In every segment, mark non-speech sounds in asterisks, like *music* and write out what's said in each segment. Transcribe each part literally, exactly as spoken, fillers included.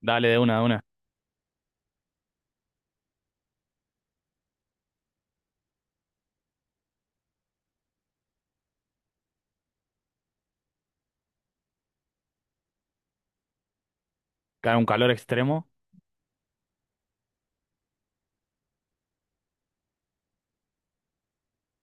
Dale de una, de una. Cae un calor extremo.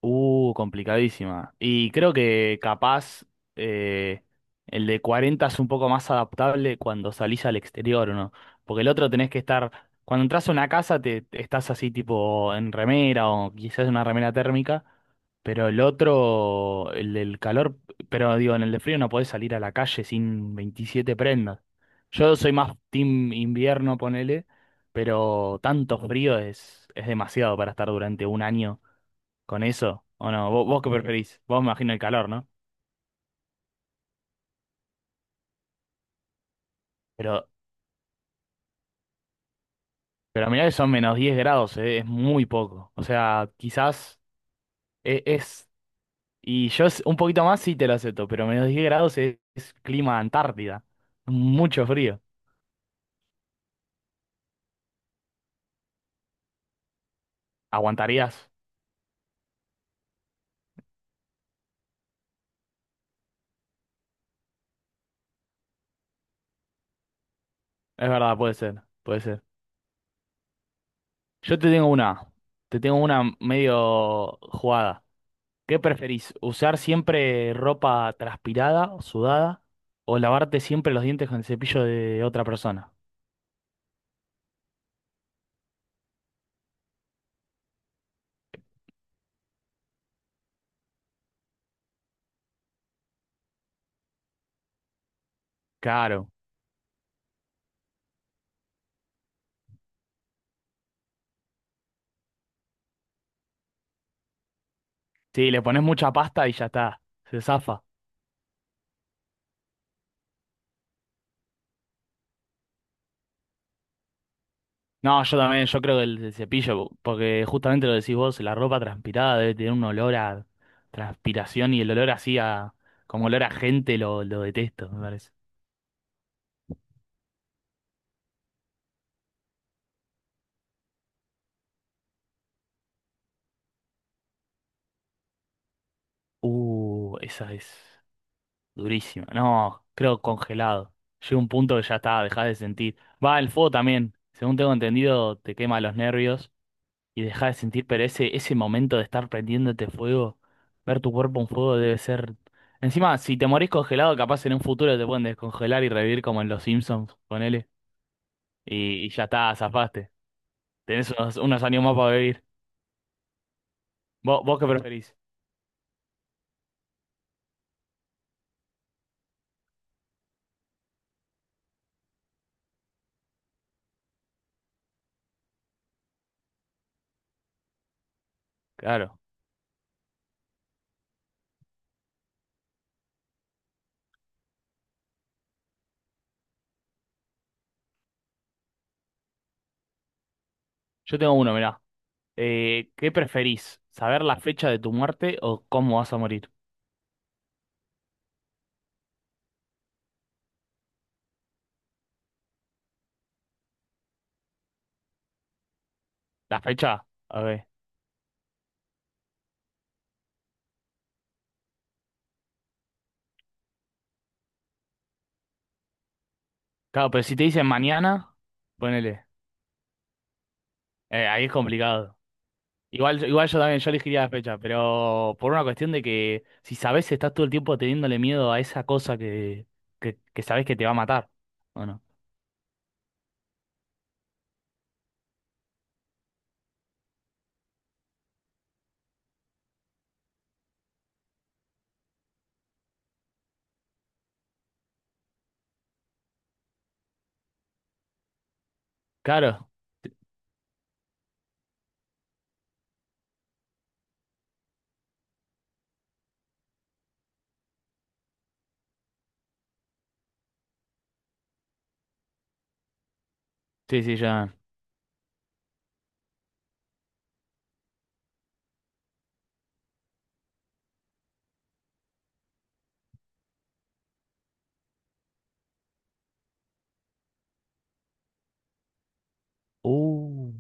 Uh, complicadísima. Y creo que capaz eh, el de cuarenta es un poco más adaptable cuando salís al exterior, ¿o no? Porque el otro tenés que estar, cuando entras a una casa te te estás así tipo en remera o quizás una remera térmica, pero el otro, el del calor, pero digo, en el de frío no podés salir a la calle sin veintisiete prendas. Yo soy más team invierno, ponele, pero tanto frío es, es demasiado para estar durante un año con eso, o no, vos, vos qué preferís, vos me imagino el calor, ¿no? Pero, pero mirá que son menos diez grados, eh, es muy poco. O sea, quizás e- es, y yo es- un poquito más sí te lo acepto, pero menos diez grados es, es clima Antártida. Mucho frío. Aguantarías. Es verdad, puede ser, puede ser. Yo te tengo una, te tengo una medio jugada. ¿Qué preferís? ¿Usar siempre ropa transpirada o sudada? ¿O lavarte siempre los dientes con el cepillo de otra persona? Claro. Sí, le pones mucha pasta y ya está, se zafa. No, yo también, yo creo que el, el cepillo, porque justamente lo decís vos, la ropa transpirada debe tener un olor a transpiración y el olor así a, como olor a gente lo, lo detesto, me parece. Uh, esa es durísima. No, creo congelado. Llega un punto que ya está, dejás de sentir. Va, el fuego también, según tengo entendido, te quema los nervios. Y dejar de sentir, pero ese, ese momento de estar prendiéndote fuego, ver tu cuerpo en fuego debe ser... Encima, si te morís congelado, capaz en un futuro te pueden descongelar y revivir como en Los Simpsons, ponele, y, y ya está, zafaste. Tenés unos, unos años más para vivir. ¿Vos, vos qué preferís? Claro. Yo tengo uno, mirá. Eh, ¿qué preferís? ¿Saber la fecha de tu muerte o cómo vas a morir? ¿La fecha? A ver. Claro, pero si te dicen mañana, ponele. Eh, ahí es complicado. Igual, igual yo también, yo elegiría las fechas, pero por una cuestión de que si sabes, estás todo el tiempo teniéndole miedo a esa cosa que, que, que sabes que te va a matar, ¿o no? Claro, sí, sí, ya. Uh.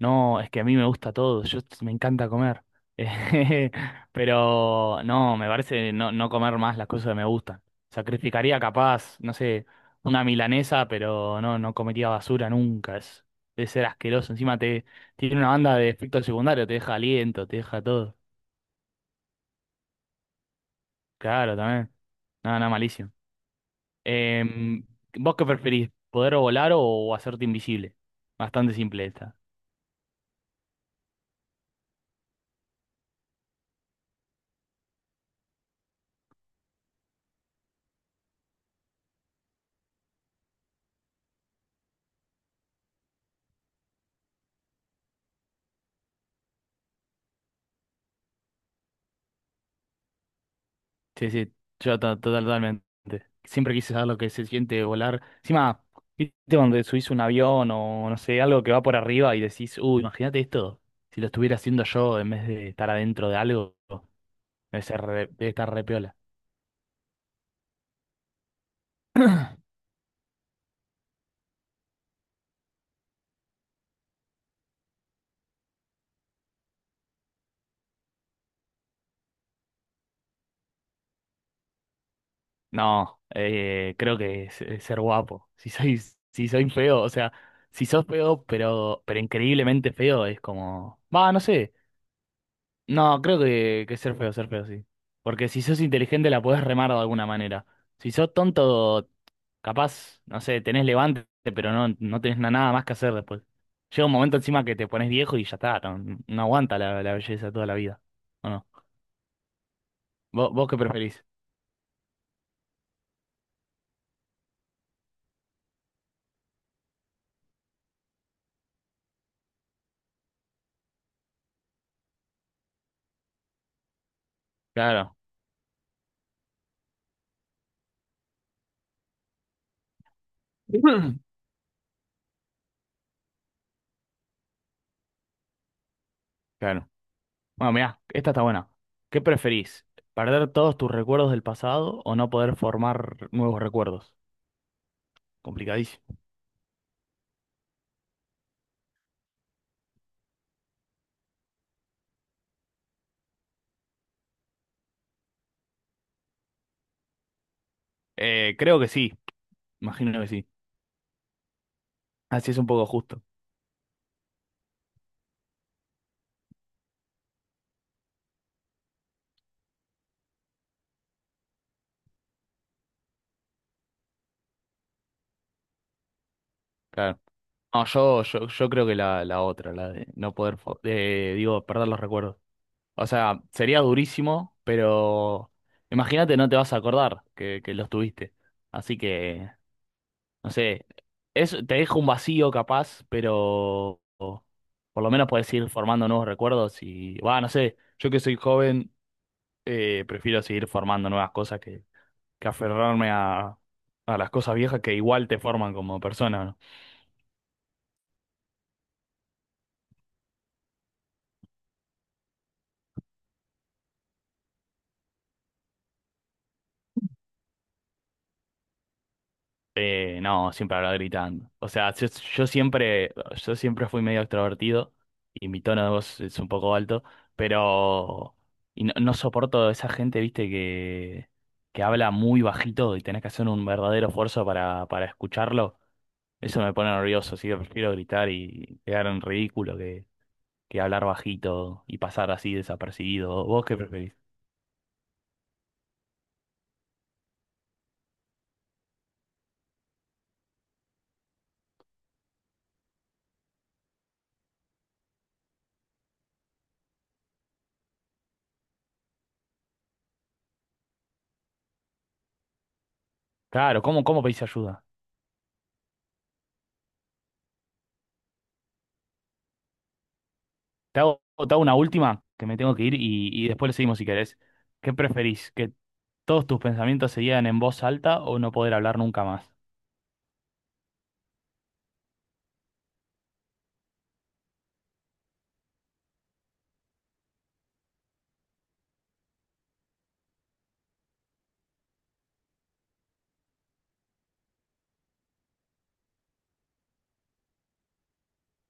No, es que a mí me gusta todo, yo s- me encanta comer. *laughs* Pero no, me parece no, no comer más las cosas que me gustan. Sacrificaría capaz, no sé, una milanesa, pero no, no comería basura nunca. Es, debe ser asqueroso. Encima te tiene una banda de efecto secundario, te deja aliento, te deja todo. Claro, también. No, no, malísimo. Em, ¿Vos qué preferís? ¿Poder volar o hacerte invisible? Bastante simple esta. Sí, sí, yo to- totalmente. Siempre quise saber lo que se siente volar. Encima, viste cuando subís un avión o no sé, algo que va por arriba y decís, uy, imagínate esto, si lo estuviera haciendo yo en vez de estar adentro de algo, debe ser re- debe estar re piola. No, eh, creo que es, es ser guapo. Si soy, si soy feo, o sea, si sos feo, pero, pero increíblemente feo, es como, va, no sé. No, creo que, que ser feo, ser feo, sí. Porque si sos inteligente la podés remar de alguna manera. Si sos tonto, capaz, no sé, tenés levante, pero no, no tenés na- nada más que hacer después. Llega un momento encima que te pones viejo y ya está, no, no aguanta la, la belleza toda la vida. ¿O no? ¿Vos, vos qué preferís? Claro. *clears throat* Claro. Bueno, mirá, esta está buena. ¿Qué preferís? ¿Perder todos tus recuerdos del pasado o no poder formar nuevos recuerdos? Complicadísimo. Eh, creo que sí, imagino que sí. Así es un poco justo. Claro. No, yo, yo, yo creo que la, la otra, la de no poder, fo- eh, digo, perder los recuerdos. O sea, sería durísimo, pero imagínate, no te vas a acordar que, que los tuviste. Así que, no sé, es, te deja un vacío capaz, pero por lo menos puedes ir formando nuevos recuerdos y, va, no sé, yo que soy joven, eh, prefiero seguir formando nuevas cosas que, que aferrarme a, a las cosas viejas que igual te forman como persona, ¿no? Eh, no, siempre hablaba gritando. O sea, yo, yo siempre, yo siempre fui medio extrovertido y mi tono de voz es un poco alto, pero y no, no soporto esa gente, viste, que, que habla muy bajito y tenés que hacer un verdadero esfuerzo para, para escucharlo. Eso me pone nervioso, así que prefiero gritar y quedar en ridículo que, que hablar bajito y pasar así desapercibido. ¿Vos qué preferís? Claro, ¿cómo, cómo pedís ayuda? Te hago, te hago una última, que me tengo que ir y, y después le seguimos si querés. ¿Qué preferís? ¿Que todos tus pensamientos se digan en voz alta o no poder hablar nunca más?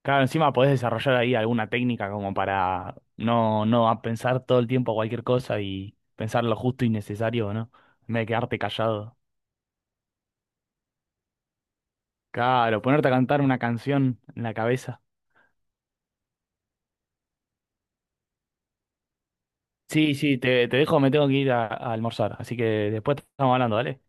Claro, encima podés desarrollar ahí alguna técnica como para no, no a pensar todo el tiempo cualquier cosa y pensar lo justo y necesario, ¿no? En vez de quedarte callado. Claro, ponerte a cantar una canción en la cabeza. Sí, sí, te, te dejo, me tengo que ir a a almorzar. Así que después estamos hablando, ¿dale?